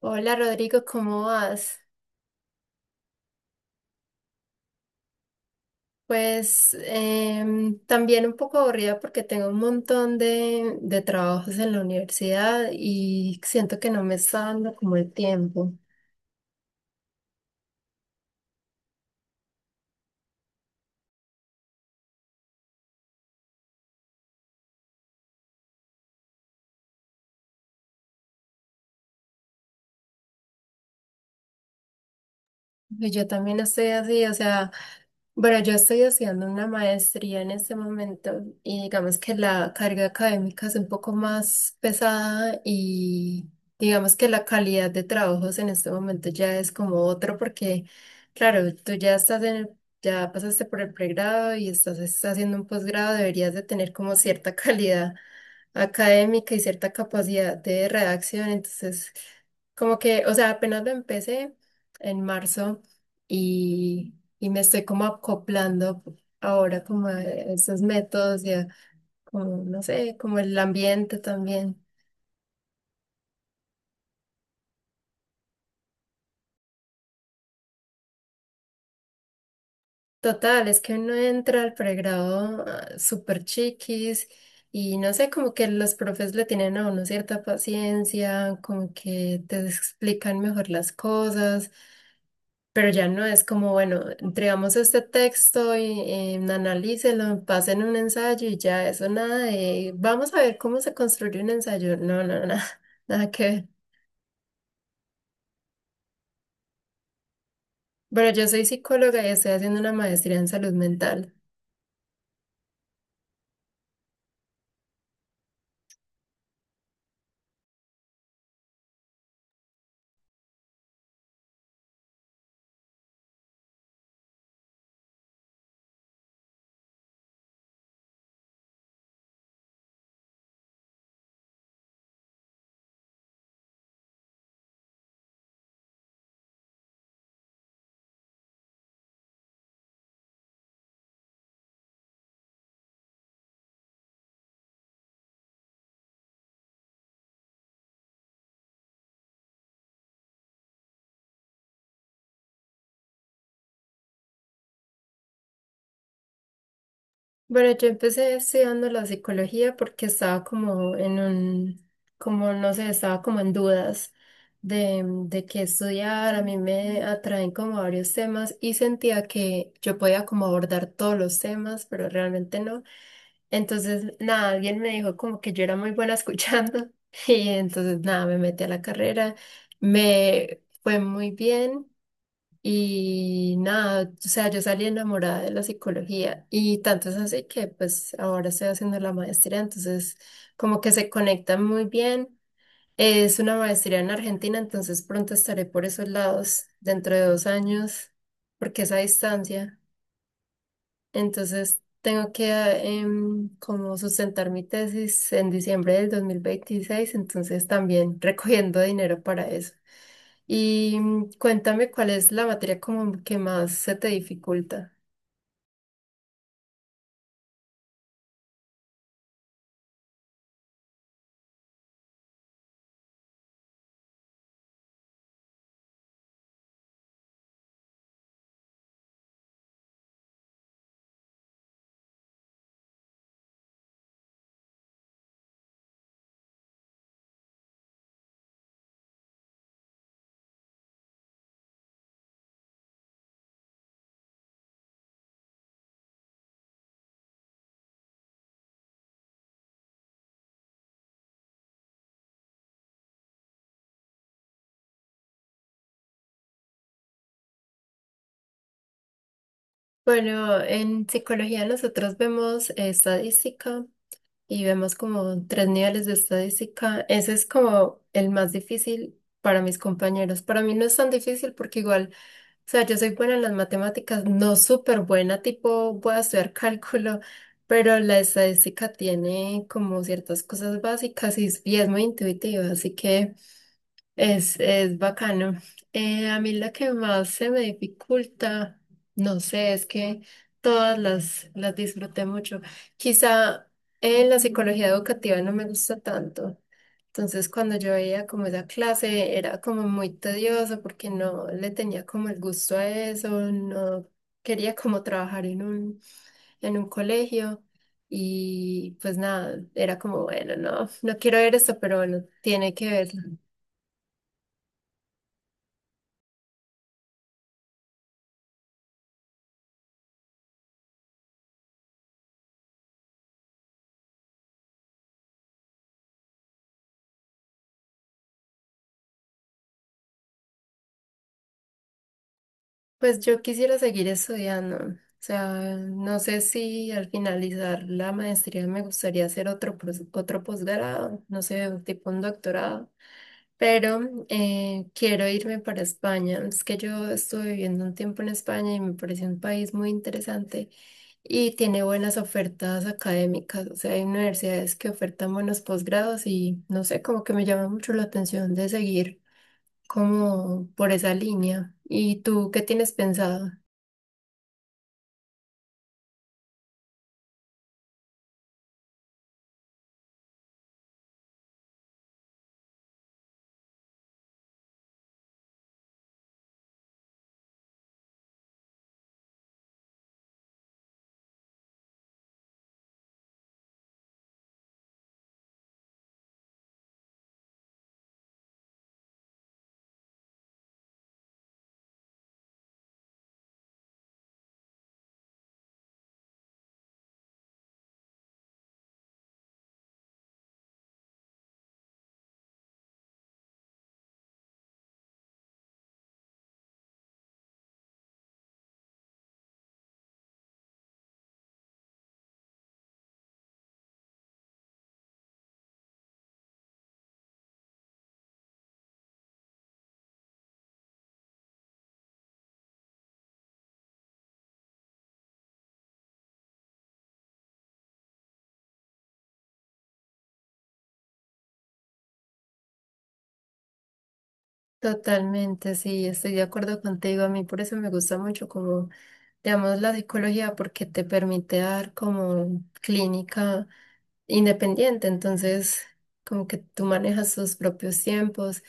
Hola Rodrigo, ¿cómo vas? También un poco aburrida porque tengo un montón de trabajos en la universidad y siento que no me está dando como el tiempo. Y yo también estoy así, o sea... Bueno, yo estoy haciendo una maestría en este momento y digamos que la carga académica es un poco más pesada y digamos que la calidad de trabajos en este momento ya es como otro porque, claro, tú ya estás en el- ya pasaste por el pregrado y estás haciendo un posgrado, deberías de tener como cierta calidad académica y cierta capacidad de redacción, entonces como que, o sea, apenas lo empecé en marzo. Y y me estoy como acoplando ahora como a esos métodos y a como, no sé, como el ambiente también. Total, es que uno entra al pregrado ah, súper chiquis y no sé, como que los profes le tienen a uno cierta paciencia, como que te explican mejor las cosas. Pero ya no es como, bueno, entregamos este texto y analícelo, pasen un ensayo y ya eso, nada de, vamos a ver cómo se construye un ensayo. No, no, nada, nada que ver. Bueno, yo soy psicóloga y estoy haciendo una maestría en salud mental. Bueno, yo empecé estudiando la psicología porque estaba como en un, como no sé, estaba como en dudas de qué estudiar. A mí me atraen como varios temas y sentía que yo podía como abordar todos los temas, pero realmente no. Entonces, nada, alguien me dijo como que yo era muy buena escuchando y entonces, nada, me metí a la carrera. Me fue muy bien. Y nada, o sea, yo salí enamorada de la psicología y tanto es así que pues ahora estoy haciendo la maestría, entonces como que se conectan muy bien. Es una maestría en Argentina, entonces pronto estaré por esos lados dentro de 2 años, porque es a distancia. Entonces tengo que como sustentar mi tesis en diciembre del 2026, entonces también recogiendo dinero para eso. Y cuéntame cuál es la materia como que más se te dificulta. Bueno, en psicología nosotros vemos estadística y vemos como 3 niveles de estadística. Ese es como el más difícil para mis compañeros. Para mí no es tan difícil porque igual, o sea, yo soy buena en las matemáticas, no súper buena, tipo voy a estudiar cálculo, pero la estadística tiene como ciertas cosas básicas y es muy intuitiva, así que... es bacano. A mí la que más se me dificulta, no sé, es que todas las disfruté mucho. Quizá en la psicología educativa no me gusta tanto. Entonces, cuando yo veía como esa clase, era como muy tedioso porque no le tenía como el gusto a eso, no quería como trabajar en un colegio. Y pues nada, era como, bueno, no, no quiero ver esto, pero bueno, tiene que verse. Pues yo quisiera seguir estudiando. O sea, no sé si al finalizar la maestría me gustaría hacer otro posgrado, no sé, tipo un doctorado, pero quiero irme para España. Es que yo estuve viviendo un tiempo en España y me pareció un país muy interesante y tiene buenas ofertas académicas. O sea, hay universidades que ofertan buenos posgrados y no sé, como que me llama mucho la atención de seguir como por esa línea. ¿Y tú qué tienes pensado? Totalmente, sí, estoy de acuerdo contigo. A mí por eso me gusta mucho como, digamos, la psicología porque te permite dar como clínica independiente. Entonces, como que tú manejas tus propios tiempos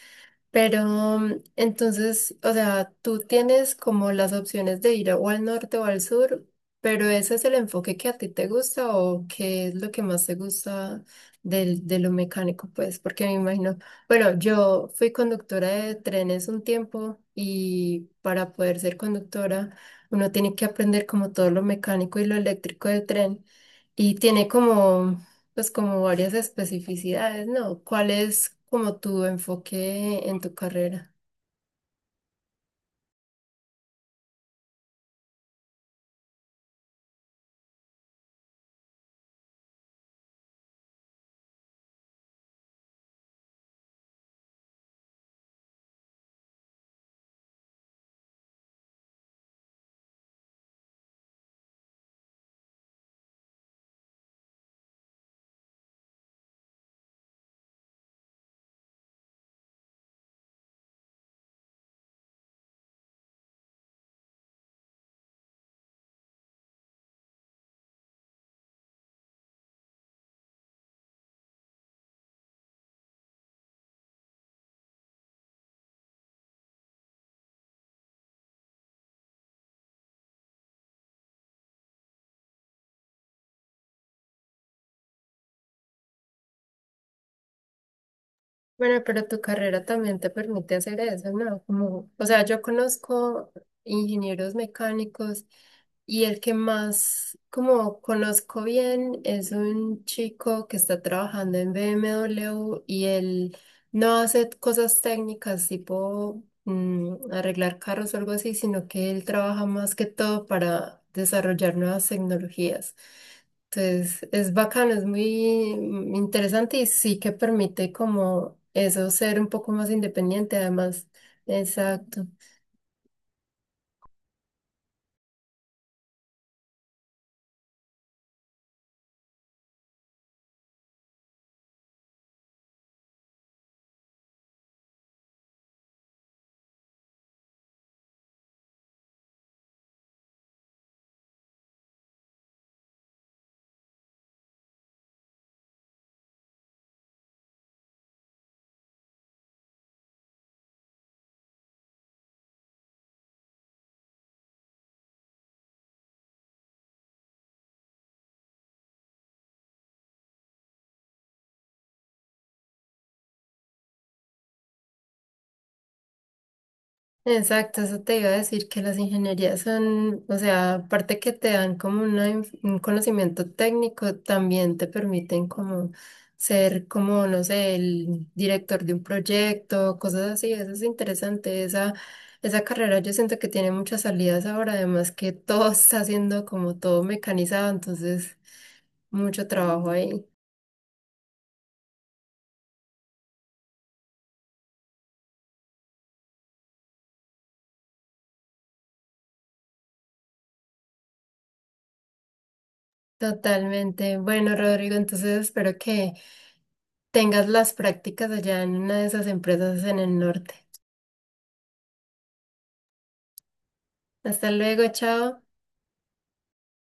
pero entonces, o sea, tú tienes como las opciones de ir o al norte o al sur, pero ese es el enfoque que a ti te gusta o qué es lo que más te gusta de lo mecánico, pues, porque me imagino, bueno, yo fui conductora de trenes un tiempo y para poder ser conductora uno tiene que aprender como todo lo mecánico y lo eléctrico del tren y tiene como pues como varias especificidades, ¿no? ¿Cuál es como tu enfoque en tu carrera? Bueno, pero tu carrera también te permite hacer eso, ¿no? Como, o sea, yo conozco ingenieros mecánicos y el que más como conozco bien es un chico que está trabajando en BMW y él no hace cosas técnicas tipo arreglar carros o algo así, sino que él trabaja más que todo para desarrollar nuevas tecnologías. Entonces, es bacano, es muy interesante y sí que permite como eso ser un poco más independiente además. Exacto. Exacto, eso te iba a decir que las ingenierías son, o sea, aparte que te dan como un conocimiento técnico, también te permiten como ser como, no sé, el director de un proyecto, cosas así, eso es interesante, esa carrera yo siento que tiene muchas salidas ahora, además que todo está siendo como todo mecanizado, entonces mucho trabajo ahí. Totalmente. Bueno, Rodrigo, entonces espero que tengas las prácticas allá en una de esas empresas en el norte. Hasta luego, chao.